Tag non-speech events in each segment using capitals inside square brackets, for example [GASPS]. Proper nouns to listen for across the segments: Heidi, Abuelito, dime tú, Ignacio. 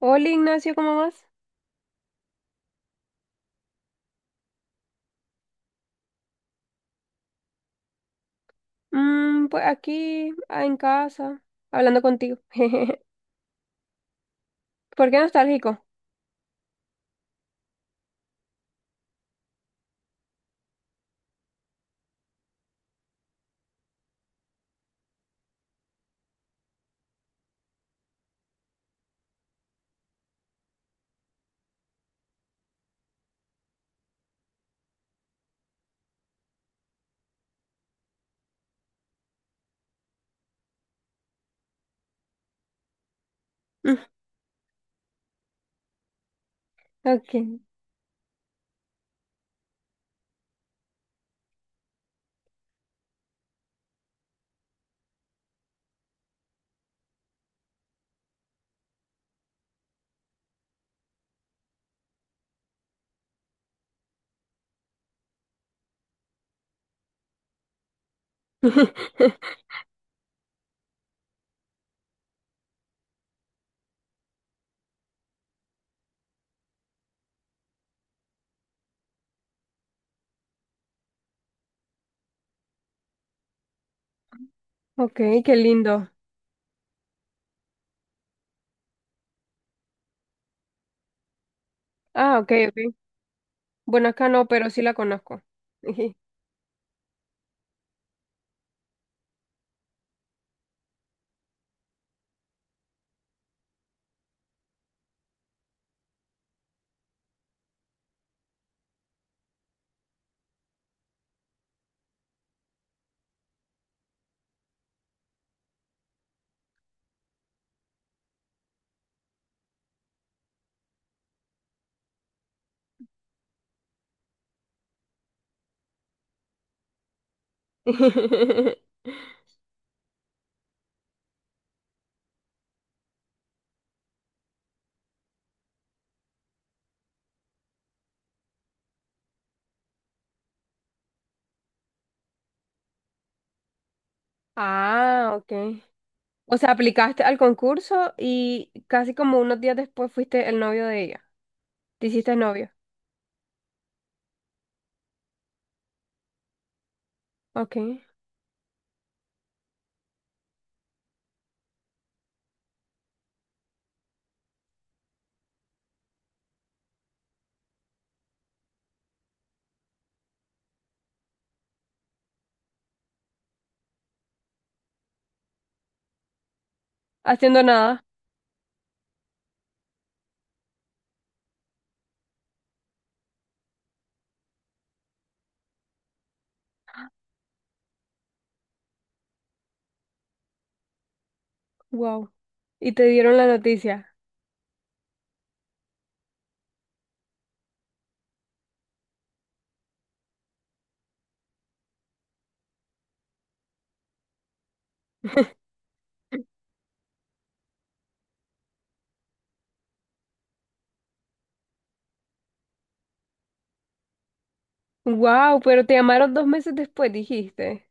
Hola Ignacio, ¿cómo vas? Pues aquí, en casa, hablando contigo. [LAUGHS] ¿Por qué nostálgico? Mm. Ok. [LAUGHS] Ok, qué lindo. Ah, ok, ok. Bueno, acá no, pero sí la conozco. [LAUGHS] Ah, ok. O sea, aplicaste al concurso y casi como unos días después fuiste el novio de ella. Te hiciste novio. Ok. Haciendo nada. Wow. Y te dieron la noticia. [LAUGHS] Wow, pero te llamaron dos meses después, dijiste.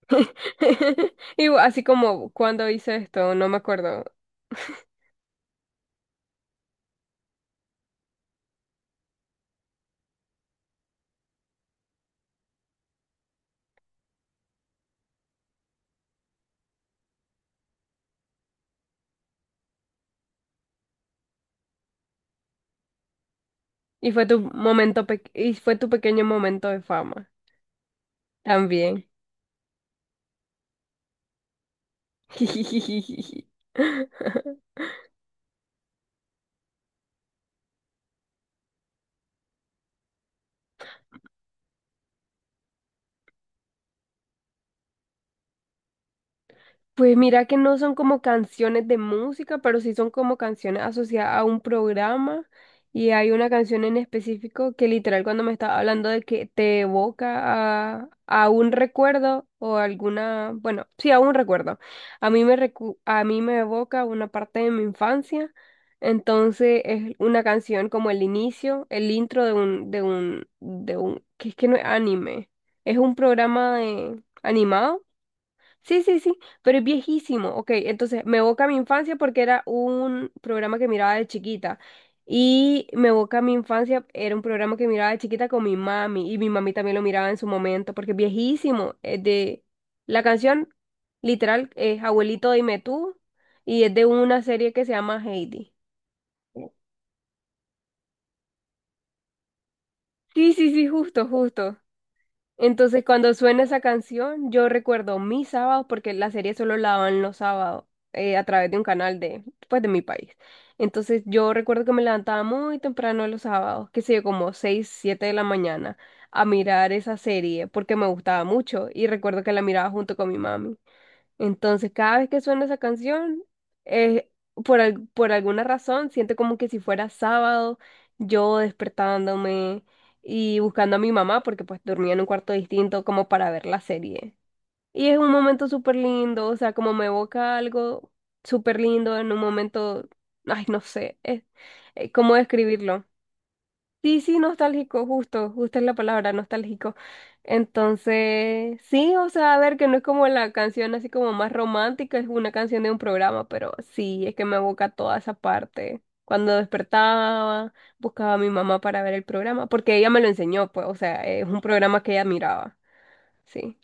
[LAUGHS] Y así como cuando hice esto, no me acuerdo. Y fue tu pequeño momento de fama también. [LAUGHS] Pues mira que no son como canciones de música, pero sí son como canciones asociadas a un programa. Y hay una canción en específico que literal cuando me estaba hablando de que te evoca a un recuerdo o alguna, bueno, sí, a un recuerdo. A mí me evoca una parte de mi infancia. Entonces es una canción como el inicio, el intro de un que es que no es anime. Es un programa de- animado. Sí, sí, sí, pero es viejísimo. Ok, entonces me evoca mi infancia porque era un programa que miraba de chiquita. Y me evoca mi infancia, era un programa que miraba de chiquita con mi mami. Y mi mami también lo miraba en su momento porque es viejísimo. Es de... La canción literal es Abuelito, dime tú. Y es de una serie que se llama Heidi. Sí, sí, sí, justo, justo. Entonces, cuando suena esa canción, yo recuerdo mis sábados, porque la serie solo la daban los sábados, a través de un canal de, pues, de mi país. Entonces, yo recuerdo que me levantaba muy temprano los sábados, que sé yo, como 6 o 7 de la mañana, a mirar esa serie, porque me gustaba mucho y recuerdo que la miraba junto con mi mami. Entonces, cada vez que suena esa canción, eh, por alguna razón, siento como que si fuera sábado, yo despertándome y buscando a mi mamá, porque pues dormía en un cuarto distinto como para ver la serie. Y es un momento súper lindo, o sea, como me evoca algo súper lindo en un momento, ay, no sé, es, ¿cómo describirlo? Sí, sí, nostálgico, justo, justo es la palabra, nostálgico. Entonces, sí, o sea, a ver, que no es como la canción así como más romántica, es una canción de un programa, pero sí, es que me evoca toda esa parte. Cuando despertaba, buscaba a mi mamá para ver el programa, porque ella me lo enseñó, pues, o sea, es un programa que ella miraba. Sí,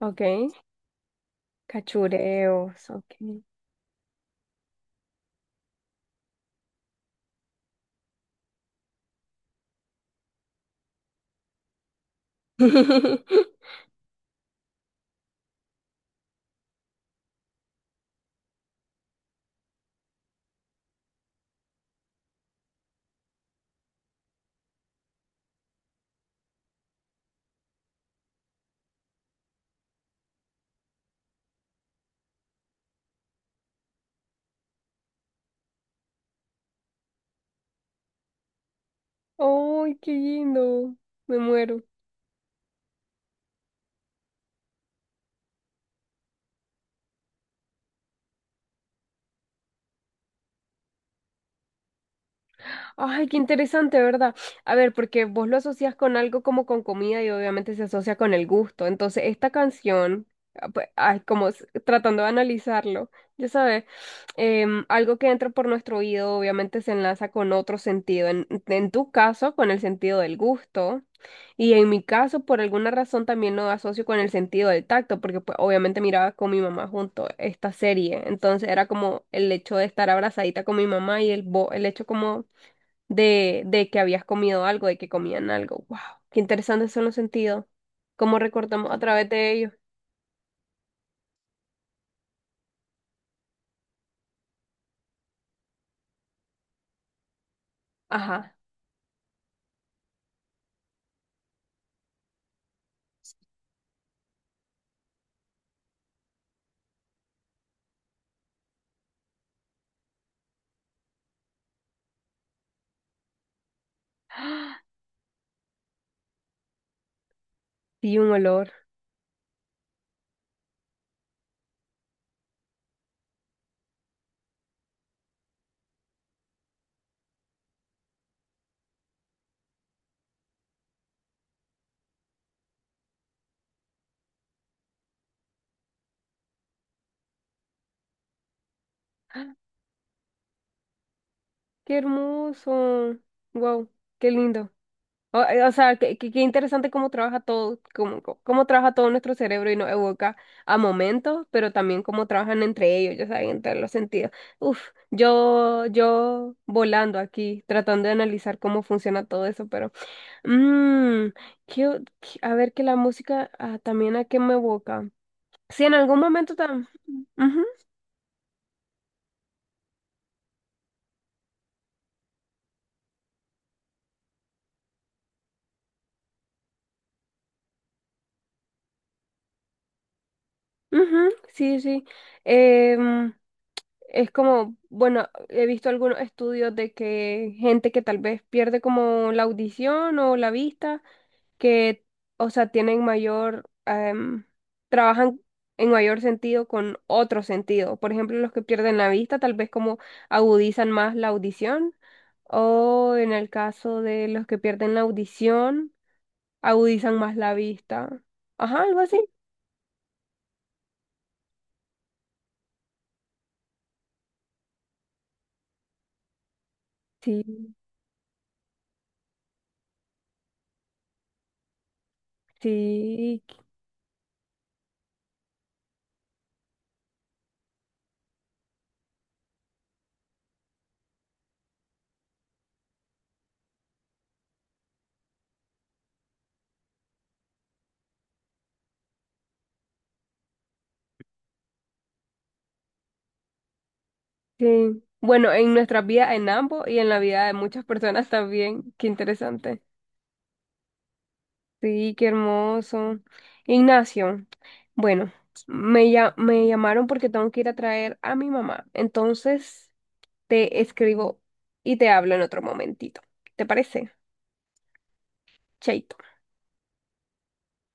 ok. Cachureos, ok. [LAUGHS] ¡Ay, qué lindo! Me muero. Ay, qué interesante, ¿verdad? A ver, porque vos lo asocias con algo como con comida y obviamente se asocia con el gusto. Entonces, esta canción, ah, pues, ay, como s- tratando de analizarlo, ya sabes, algo que entra por nuestro oído obviamente se enlaza con otro sentido. En tu caso, con el sentido del gusto. Y en mi caso, por alguna razón, también lo asocio con el sentido del tacto, porque pues, obviamente miraba con mi mamá junto esta serie. Entonces, era como el hecho de estar abrazadita con mi mamá y el hecho como de que habías comido algo, de que comían algo. ¡Wow! Qué interesantes son los sentidos. ¿Cómo recordamos a través de ellos? Ajá. [GASPS] Y un olor. Qué hermoso. Wow, qué lindo. O sea, qué interesante cómo trabaja todo, cómo trabaja todo nuestro cerebro y nos evoca a momentos, pero también cómo trabajan entre ellos, ya saben, entre los sentidos. Uf, yo volando aquí, tratando de analizar cómo funciona todo eso, pero mmm, a ver que la música, también a qué me evoca. Sí, en algún momento también. Ujú, sí, sí. Em, es como, bueno, he visto algunos estudios de que gente que tal vez pierde como la audición o la vista, que, o sea, tienen mayor, trabajan en mayor sentido con otro sentido. Por ejemplo, los que pierden la vista tal vez como agudizan más la audición. O en el caso de los que pierden la audición, agudizan más la vista. Ajá, algo así. Sí, sí, sí. Bueno, en nuestra vida, en ambos y en la vida de muchas personas también. Qué interesante. Sí, qué hermoso. Ignacio, bueno, me, me llamaron porque tengo que ir a traer a mi mamá. Entonces, te escribo y te hablo en otro momentito. ¿Te parece? Chaito.